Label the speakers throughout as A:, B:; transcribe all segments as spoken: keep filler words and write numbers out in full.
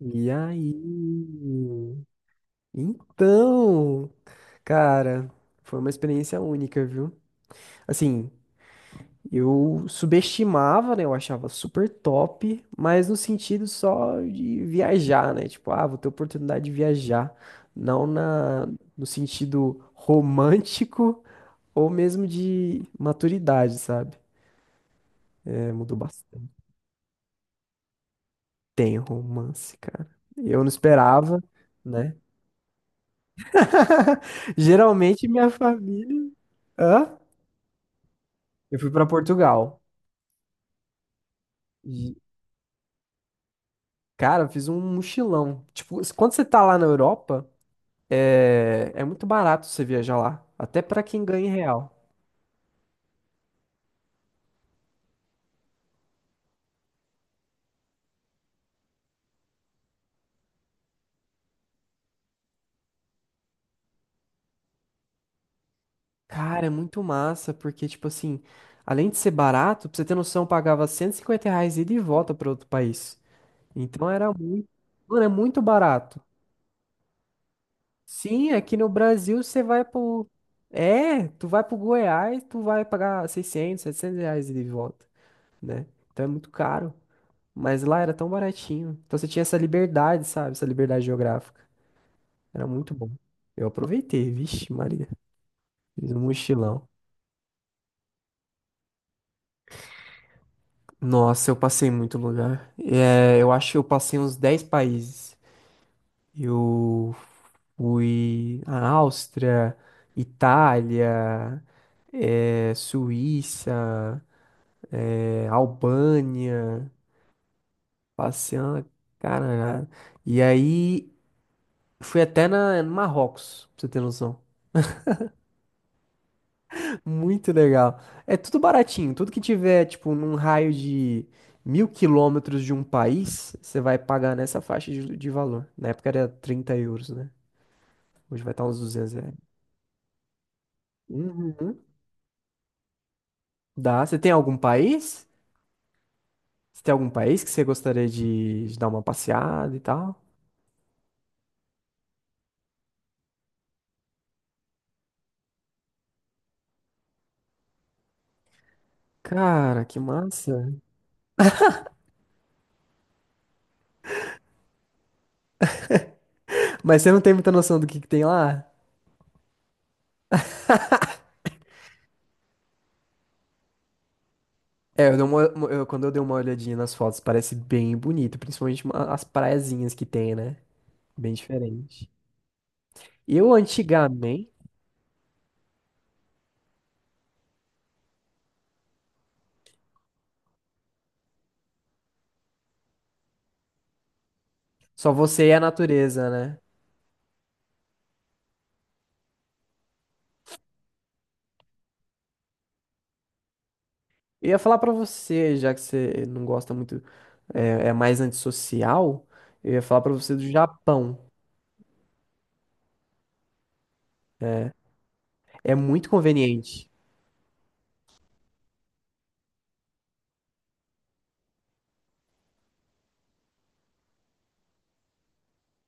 A: E aí? Então, cara, foi uma experiência única, viu? Assim, eu subestimava, né? Eu achava super top, mas no sentido só de viajar, né? Tipo, ah, vou ter oportunidade de viajar. Não na, no sentido romântico ou mesmo de maturidade, sabe? É, mudou bastante. Tem romance, cara. Eu não esperava, né? Geralmente minha família. Hã? Eu fui pra Portugal. E, cara, eu fiz um mochilão. Tipo, quando você tá lá na Europa, é, é muito barato você viajar lá. Até pra quem ganha em real. Cara, é muito massa, porque, tipo assim, além de ser barato, pra você ter noção, eu pagava cento e cinquenta reais ida e volta pra outro país. Então era muito. Mano, é muito barato. Sim, aqui no Brasil você vai pro. É, tu vai pro Goiás, tu vai pagar seiscentos, setecentos reais ida e volta, né? Então é muito caro. Mas lá era tão baratinho. Então você tinha essa liberdade, sabe? Essa liberdade geográfica. Era muito bom. Eu aproveitei, vixe, Maria. Fiz um mochilão. Nossa, eu passei muito lugar. É, eu acho que eu passei uns dez países. Eu fui à Áustria, Itália, é, Suíça, é, Albânia, passei uma caralhada. E aí fui até na, no Marrocos, pra você ter noção. Muito legal. É tudo baratinho. Tudo que tiver, tipo, num raio de mil quilômetros de um país, você vai pagar nessa faixa de, de valor. Na época era trinta euros, né? Hoje vai estar uns duzentos reais. Uhum. Dá. Você tem algum país? Você tem algum país que você gostaria de, de dar uma passeada e tal? Cara, que massa. Mas você não tem muita noção do que que tem lá? É, eu dei uma- uma- eu- Quando eu dei uma olhadinha nas fotos, parece bem bonito, principalmente uma- as praiazinhas que tem, né? Bem diferente. Eu antigamente, só você e a natureza, né? Eu ia falar pra você, já que você não gosta muito, é, é mais antissocial, eu ia falar pra você do Japão. É muito conveniente.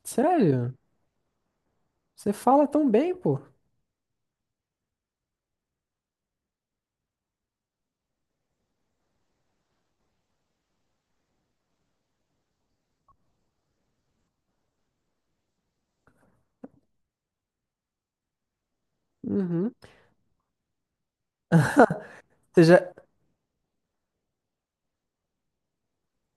A: Sério? Você fala tão bem, pô. Uhum. Você já...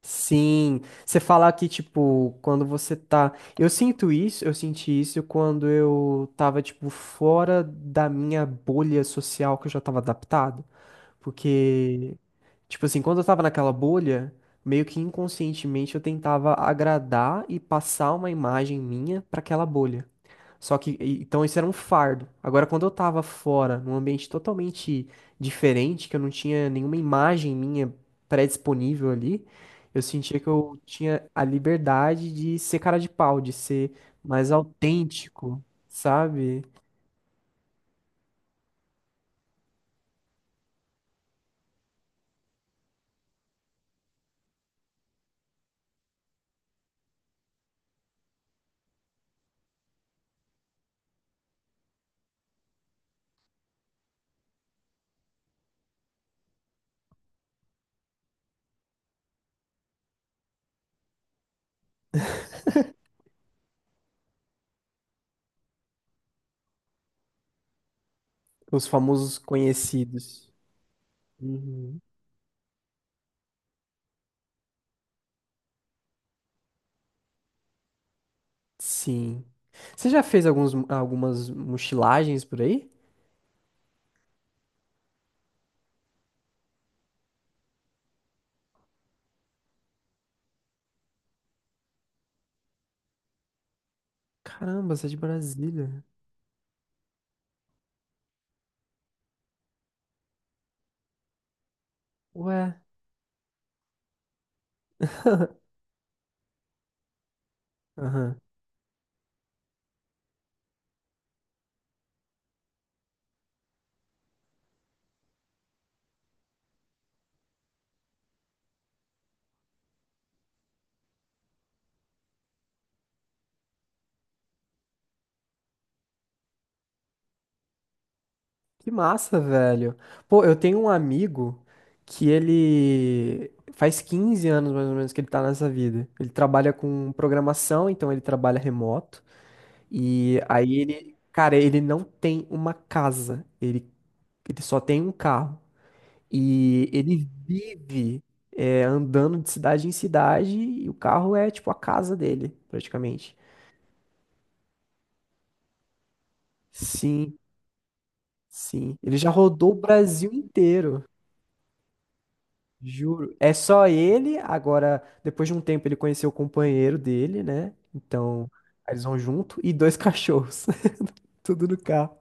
A: Sim, você fala que, tipo, quando você tá. Eu sinto isso, eu senti isso quando eu tava, tipo, fora da minha bolha social que eu já tava adaptado. Porque, tipo assim, quando eu tava naquela bolha, meio que inconscientemente eu tentava agradar e passar uma imagem minha pra aquela bolha. Só que, e- então isso era um fardo. Agora, quando eu tava fora, num ambiente totalmente diferente, que eu não tinha nenhuma imagem minha pré-disponível ali, eu sentia que eu tinha a liberdade de ser cara de pau, de ser mais autêntico, sabe? Os famosos conhecidos. Uhum. Sim. Você já fez alguns, algumas mochilagens por aí? Caramba, você é de Brasília. Ué. Aham. Que massa, velho. Pô, eu tenho um amigo que ele faz quinze anos mais ou menos que ele tá nessa vida. Ele trabalha com programação, então ele trabalha remoto. E aí ele, cara, ele não tem uma casa. Ele, ele só tem um carro. E ele vive é, andando de cidade em cidade e o carro é tipo a casa dele, praticamente. Sim, sim. Ele já rodou o Brasil inteiro, juro. É só ele, agora, depois de um tempo, ele conheceu o companheiro dele, né? Então, aí eles vão junto e dois cachorros. Tudo no carro.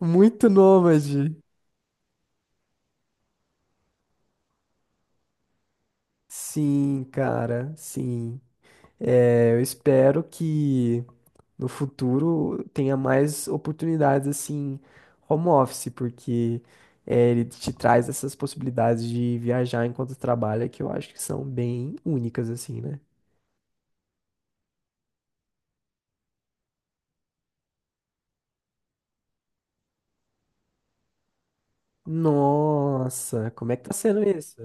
A: Muito nômade. Sim, cara, sim. É, eu espero que. No futuro tenha mais oportunidades assim, home office, porque eh, ele te traz essas possibilidades de viajar enquanto trabalha que eu acho que são bem únicas, assim, né? Nossa, como é que tá sendo isso?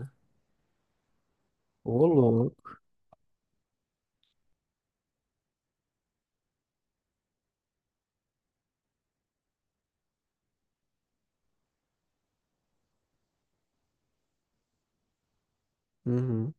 A: Ô, louco. Uhum.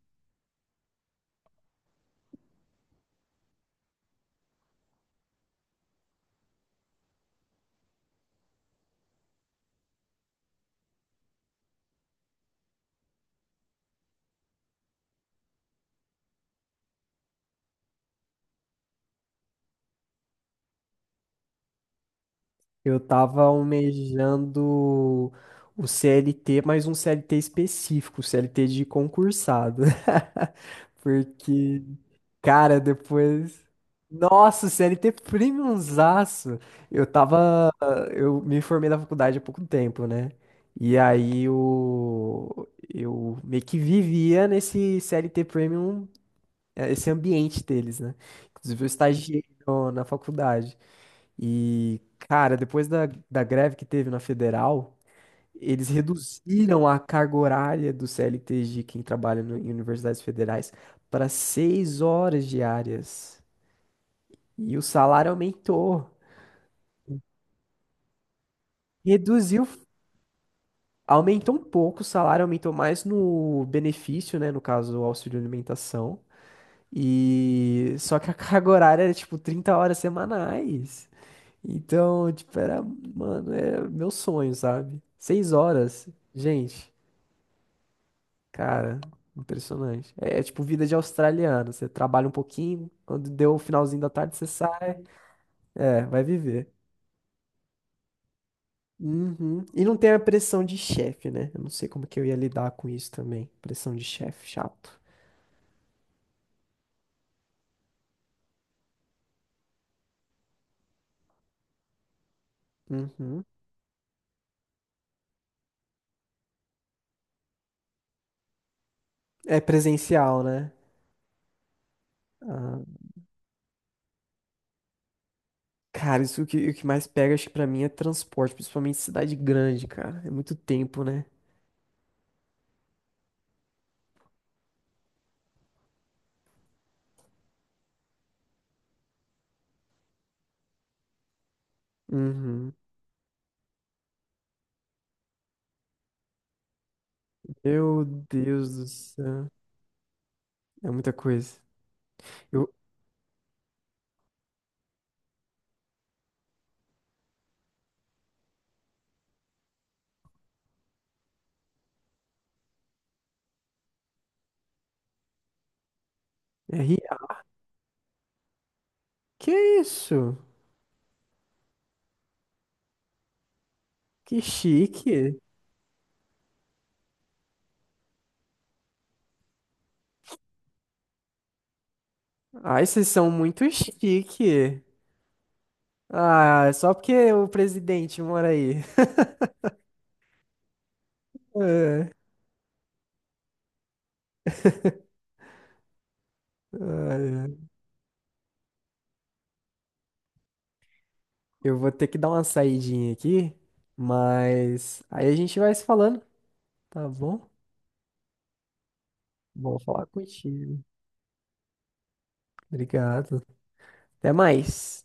A: Eu tava almejando o C L T, mas um C L T específico, C L T de concursado. Porque, cara, depois. Nossa, C L T premiumzaço! Eu tava. Eu me formei na faculdade há pouco tempo, né? E aí eu, eu meio que vivia nesse C L T Premium, eh, esse ambiente deles, né? Inclusive eu estagiei no- na faculdade. E, cara, depois da, da greve que teve na federal, eles reduziram a carga horária do C L T de quem trabalha no- em universidades federais para seis horas diárias. E o salário aumentou. Reduziu, aumentou um pouco, o salário aumentou mais no benefício, né? No caso, o auxílio alimentação. E só que a carga horária era tipo trinta horas semanais. Então, tipo, era, mano, é meu sonho, sabe? Seis horas, gente, cara, impressionante. É, é tipo vida de australiano. Você trabalha um pouquinho, quando deu o finalzinho da tarde, você sai. É, vai viver. Uhum. E não tem a pressão de chefe, né? Eu não sei como que eu ia lidar com isso também. Pressão de chefe, chato. Uhum. É presencial, né? Ah, cara, isso que, o que mais pega, acho que pra mim é transporte, principalmente cidade grande, cara. É muito tempo, né? Uhum. Meu Deus do céu. É muita coisa. Eu... É ri... Que isso? Que chique. Ai, vocês são muito chique. Ah, é só porque o presidente mora aí. É, ai. Eu vou ter que dar uma saidinha aqui, mas aí a gente vai se falando, tá bom? Bom falar contigo. Obrigado. Até mais.